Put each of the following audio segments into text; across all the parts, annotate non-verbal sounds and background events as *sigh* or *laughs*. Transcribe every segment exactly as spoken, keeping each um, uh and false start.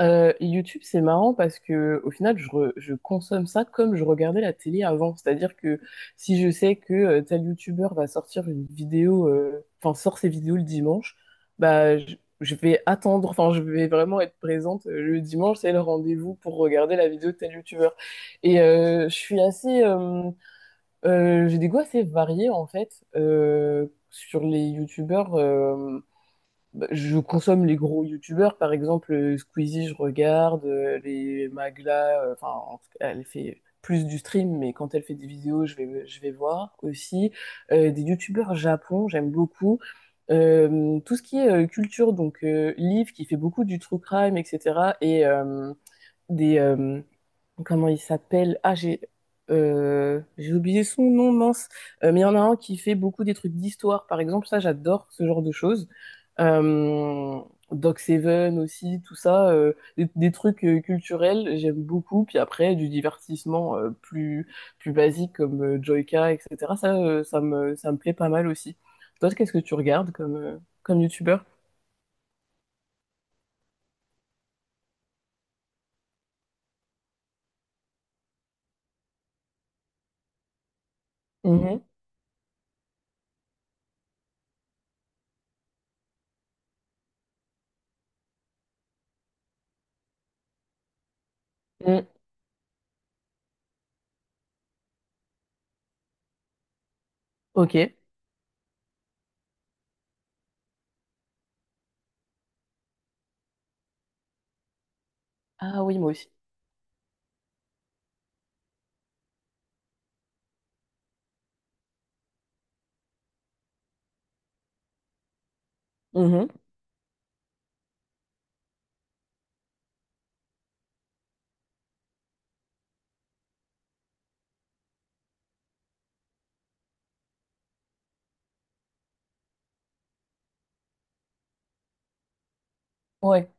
Euh, YouTube, c'est marrant parce que au final, je, re- je consomme ça comme je regardais la télé avant. C'est-à-dire que si je sais que euh, tel YouTuber va sortir une vidéo, euh, enfin sort ses vidéos le dimanche, bah je, je vais attendre, enfin je vais vraiment être présente euh, le dimanche, c'est le rendez-vous pour regarder la vidéo de tel YouTuber. Et euh, je suis assez, euh, euh, j'ai des goûts assez variés en fait euh, sur les YouTubers. euh, bah, Je consomme les gros youtubeurs, par exemple euh, Squeezie, je regarde, euh, les Magla, euh, enfin, en tout cas, elle fait plus du stream, mais quand elle fait des vidéos, je vais, je vais voir aussi. Euh, des youtubeurs japon, j'aime beaucoup. Euh, tout ce qui est euh, culture, donc euh, Liv qui fait beaucoup du true crime, et cetera. Et euh, des, euh, comment il s'appelle? Ah, j'ai euh, j'ai oublié son nom, mince. Euh, mais il y en a un qui fait beaucoup des trucs d'histoire, par exemple. Ça, j'adore ce genre de choses. Euh, Doc Seven aussi, tout ça, euh, des, des trucs euh, culturels, j'aime beaucoup. Puis après, du divertissement euh, plus plus basique comme euh, Joyka, et cetera. Ça, euh, ça me ça me plaît pas mal aussi. Toi, qu'est-ce que tu regardes comme euh, comme youtubeur? Mhm. Mm. Ok. Ah oui, moi aussi. Mhm. Ouais.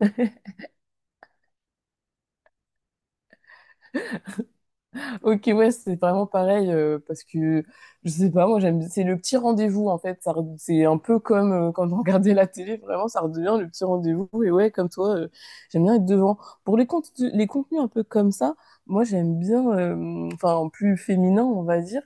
*laughs* Ok, ouais, c'est vraiment pareil euh, parce que je sais pas, moi j'aime, c'est le petit rendez-vous en fait. Ça, re- c'est un peu comme euh, quand on regardait la télé, vraiment, ça redevient le petit rendez-vous. Et ouais, comme toi, euh, j'aime bien être devant. Pour les contenus, les contenus un peu comme ça, moi j'aime bien, euh, enfin plus féminin, on va dire.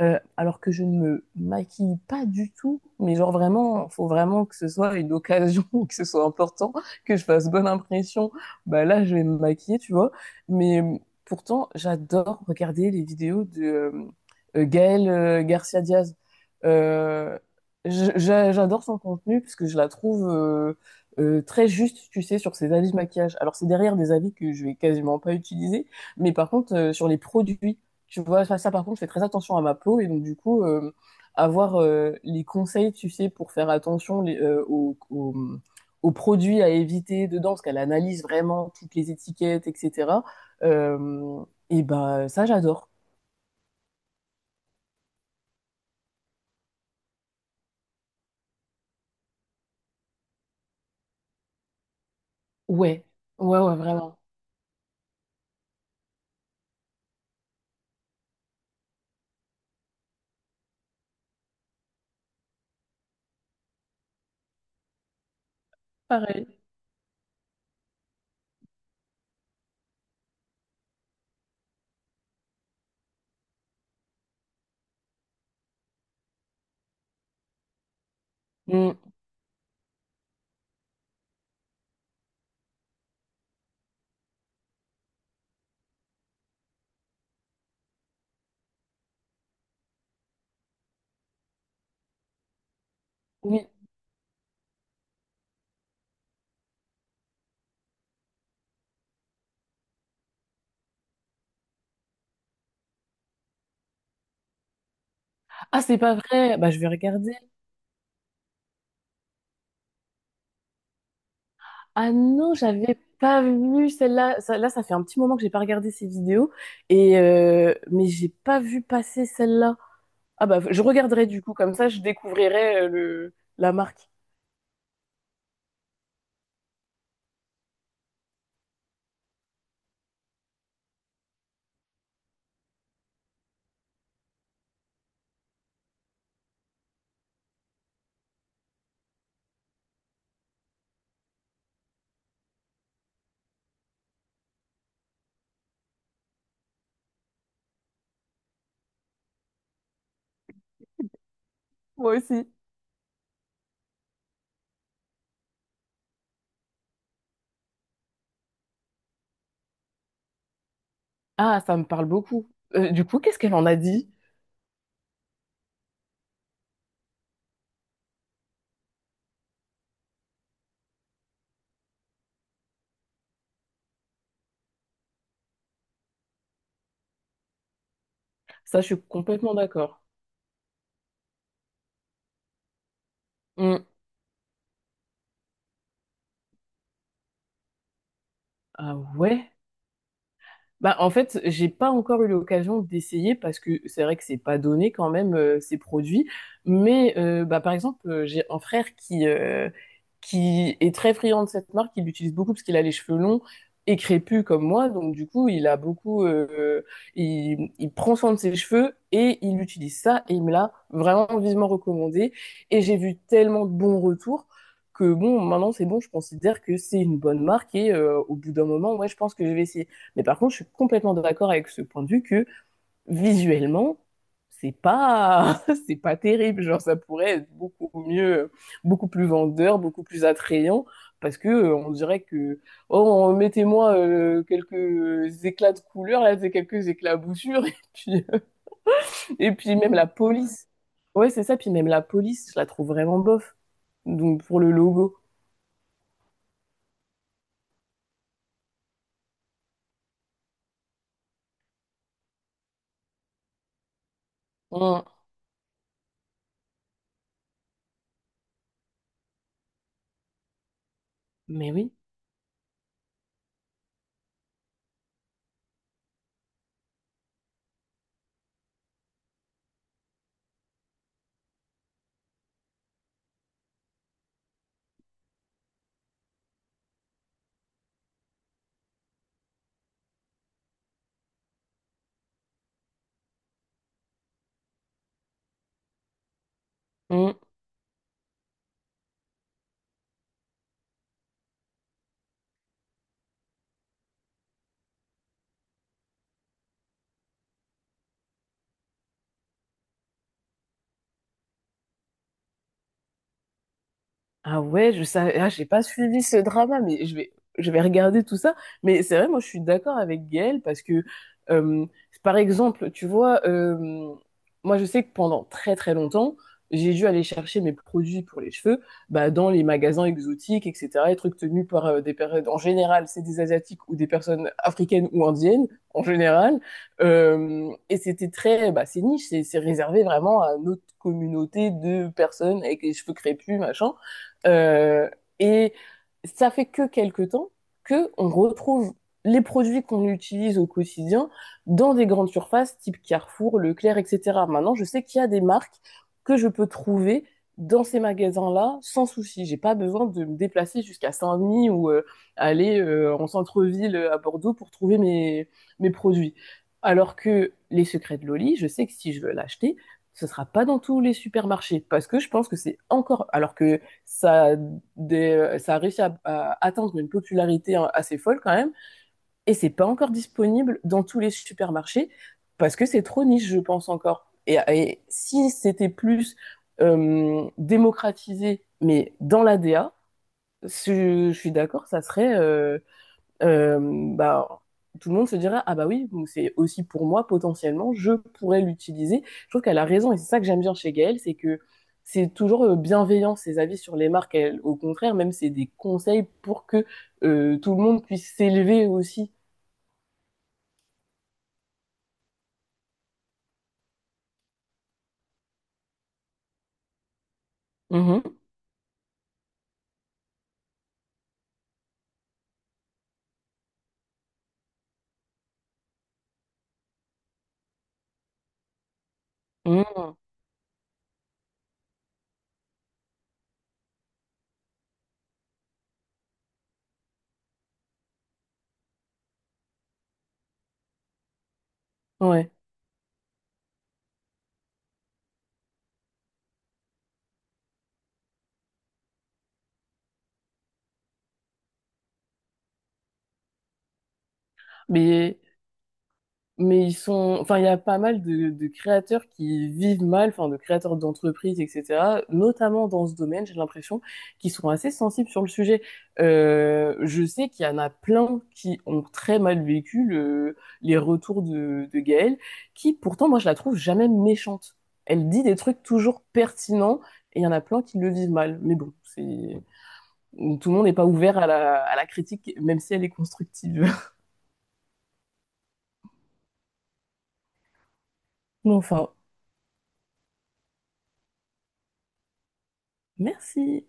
Euh, alors que je ne me maquille pas du tout, mais genre vraiment, faut vraiment que ce soit une occasion, *laughs* que ce soit important, que je fasse bonne impression. Bah là, je vais me maquiller, tu vois. Mais Pourtant, j'adore regarder les vidéos de euh, euh, Gaël euh, Garcia Diaz. Euh, j- j'a- j'adore son contenu parce que je la trouve euh, euh, très juste, tu sais, sur ses avis de maquillage. Alors, c'est derrière des avis que je vais quasiment pas utiliser, mais par contre, euh, sur les produits, tu vois, ça, ça, par contre, je fais très attention à ma peau et donc, du coup, euh, avoir euh, les conseils, tu sais, pour faire attention les- euh, aux, aux, aux produits à éviter dedans, parce qu'elle analyse vraiment toutes les étiquettes, et cetera. Euh, et ben ça, j'adore. Ouais, ouais, ouais, vraiment. Pareil. Mm. Oui. Ah, c'est pas vrai. Bah, je vais regarder. Ah non, j'avais pas vu celle-là. Ça- là, ça fait un petit moment que j'ai pas regardé ces vidéos. Et euh, mais j'ai pas vu passer celle-là. Ah bah, je regarderai du coup. Comme ça, je découvrirai euh, le la marque. Moi aussi. Ah, ça me parle beaucoup. Euh, du coup, qu'est-ce qu'elle en a dit? Ça, je suis complètement d'accord. Mm. Ah ouais. Bah, en fait, j'ai pas encore eu l'occasion d'essayer parce que c'est vrai que c'est pas donné quand même euh, ces produits. Mais euh, bah, par exemple, euh, j'ai un frère qui euh, qui est très friand de cette marque, il l'utilise beaucoup parce qu'il a les cheveux longs et crépus comme moi, donc du coup, il a beaucoup, euh, il, il prend soin de ses cheveux et il utilise ça et il me l'a vraiment vivement recommandé. Et j'ai vu tellement de bons retours que bon, maintenant c'est bon, je considère que c'est une bonne marque et euh, au bout d'un moment, ouais, je pense que je vais essayer. Mais par contre, je suis complètement d'accord avec ce point de vue que visuellement, c'est pas *laughs* c'est pas terrible, genre ça pourrait être beaucoup mieux, beaucoup plus vendeur, beaucoup plus attrayant, parce que euh, on dirait que oh mettez-moi euh, quelques éclats de couleurs, là c'est quelques éclaboussures *laughs* et puis euh, et puis même la police. Ouais, c'est ça, puis même la police je la trouve vraiment bof, donc pour le logo. Mm. Mais oui. Mm. Ah ouais, je savais, ah, j'ai pas suivi ce drama, mais je vais, je vais regarder tout ça. Mais c'est vrai, moi, je suis d'accord avec Gaëlle parce que, euh, par exemple, tu vois, euh, moi, je sais que pendant très très longtemps, j'ai dû aller chercher mes produits pour les cheveux, bah, dans les magasins exotiques, et cetera, les trucs tenus par euh, des personnes, en général, c'est des Asiatiques ou des personnes africaines ou indiennes, en général. Euh, et c'était très, bah, c'est niche, c'est c'est réservé vraiment à notre communauté de personnes avec les cheveux crépus, machin. Euh, et ça fait que quelque temps que on retrouve les produits qu'on utilise au quotidien dans des grandes surfaces type Carrefour, Leclerc, et cetera. Maintenant, je sais qu'il y a des marques que je peux trouver dans ces magasins-là sans souci. J'ai pas besoin de me déplacer jusqu'à Saint-Denis ou euh, aller euh, en centre-ville euh, à Bordeaux pour trouver mes, mes produits. Alors que les secrets de Loli, je sais que si je veux l'acheter, ce sera pas dans tous les supermarchés parce que je pense que c'est encore, alors que ça a, des, ça a réussi à, à atteindre une popularité, hein, assez folle quand même, et c'est pas encore disponible dans tous les supermarchés parce que c'est trop niche, je pense encore. Et, et si c'était plus euh, démocratisé, mais dans la l'A D A, je, je suis d'accord, ça serait euh, euh, bah, tout le monde se dirait ah bah oui c'est aussi pour moi, potentiellement je pourrais l'utiliser. Je trouve qu'elle a raison et c'est ça que j'aime bien chez Gaëlle, c'est que c'est toujours euh, bienveillant ses avis sur les marques, elle, au contraire même c'est des conseils pour que euh, tout le monde puisse s'élever aussi. Mhm. Mhm. Ouais. mais Mais ils sont, enfin, il y a pas mal de, de créateurs qui vivent mal, enfin, de créateurs d'entreprises, et cetera, notamment dans ce domaine, j'ai l'impression, qu'ils sont assez sensibles sur le sujet. Euh, je sais qu'il y en a plein qui ont très mal vécu le, les retours de, de Gaëlle, qui pourtant, moi, je la trouve jamais méchante. Elle dit des trucs toujours pertinents, et il y en a plein qui le vivent mal. Mais bon, c'est, tout le monde n'est pas ouvert à la, à la critique, même si elle est constructive. *laughs* Mais enfin, merci.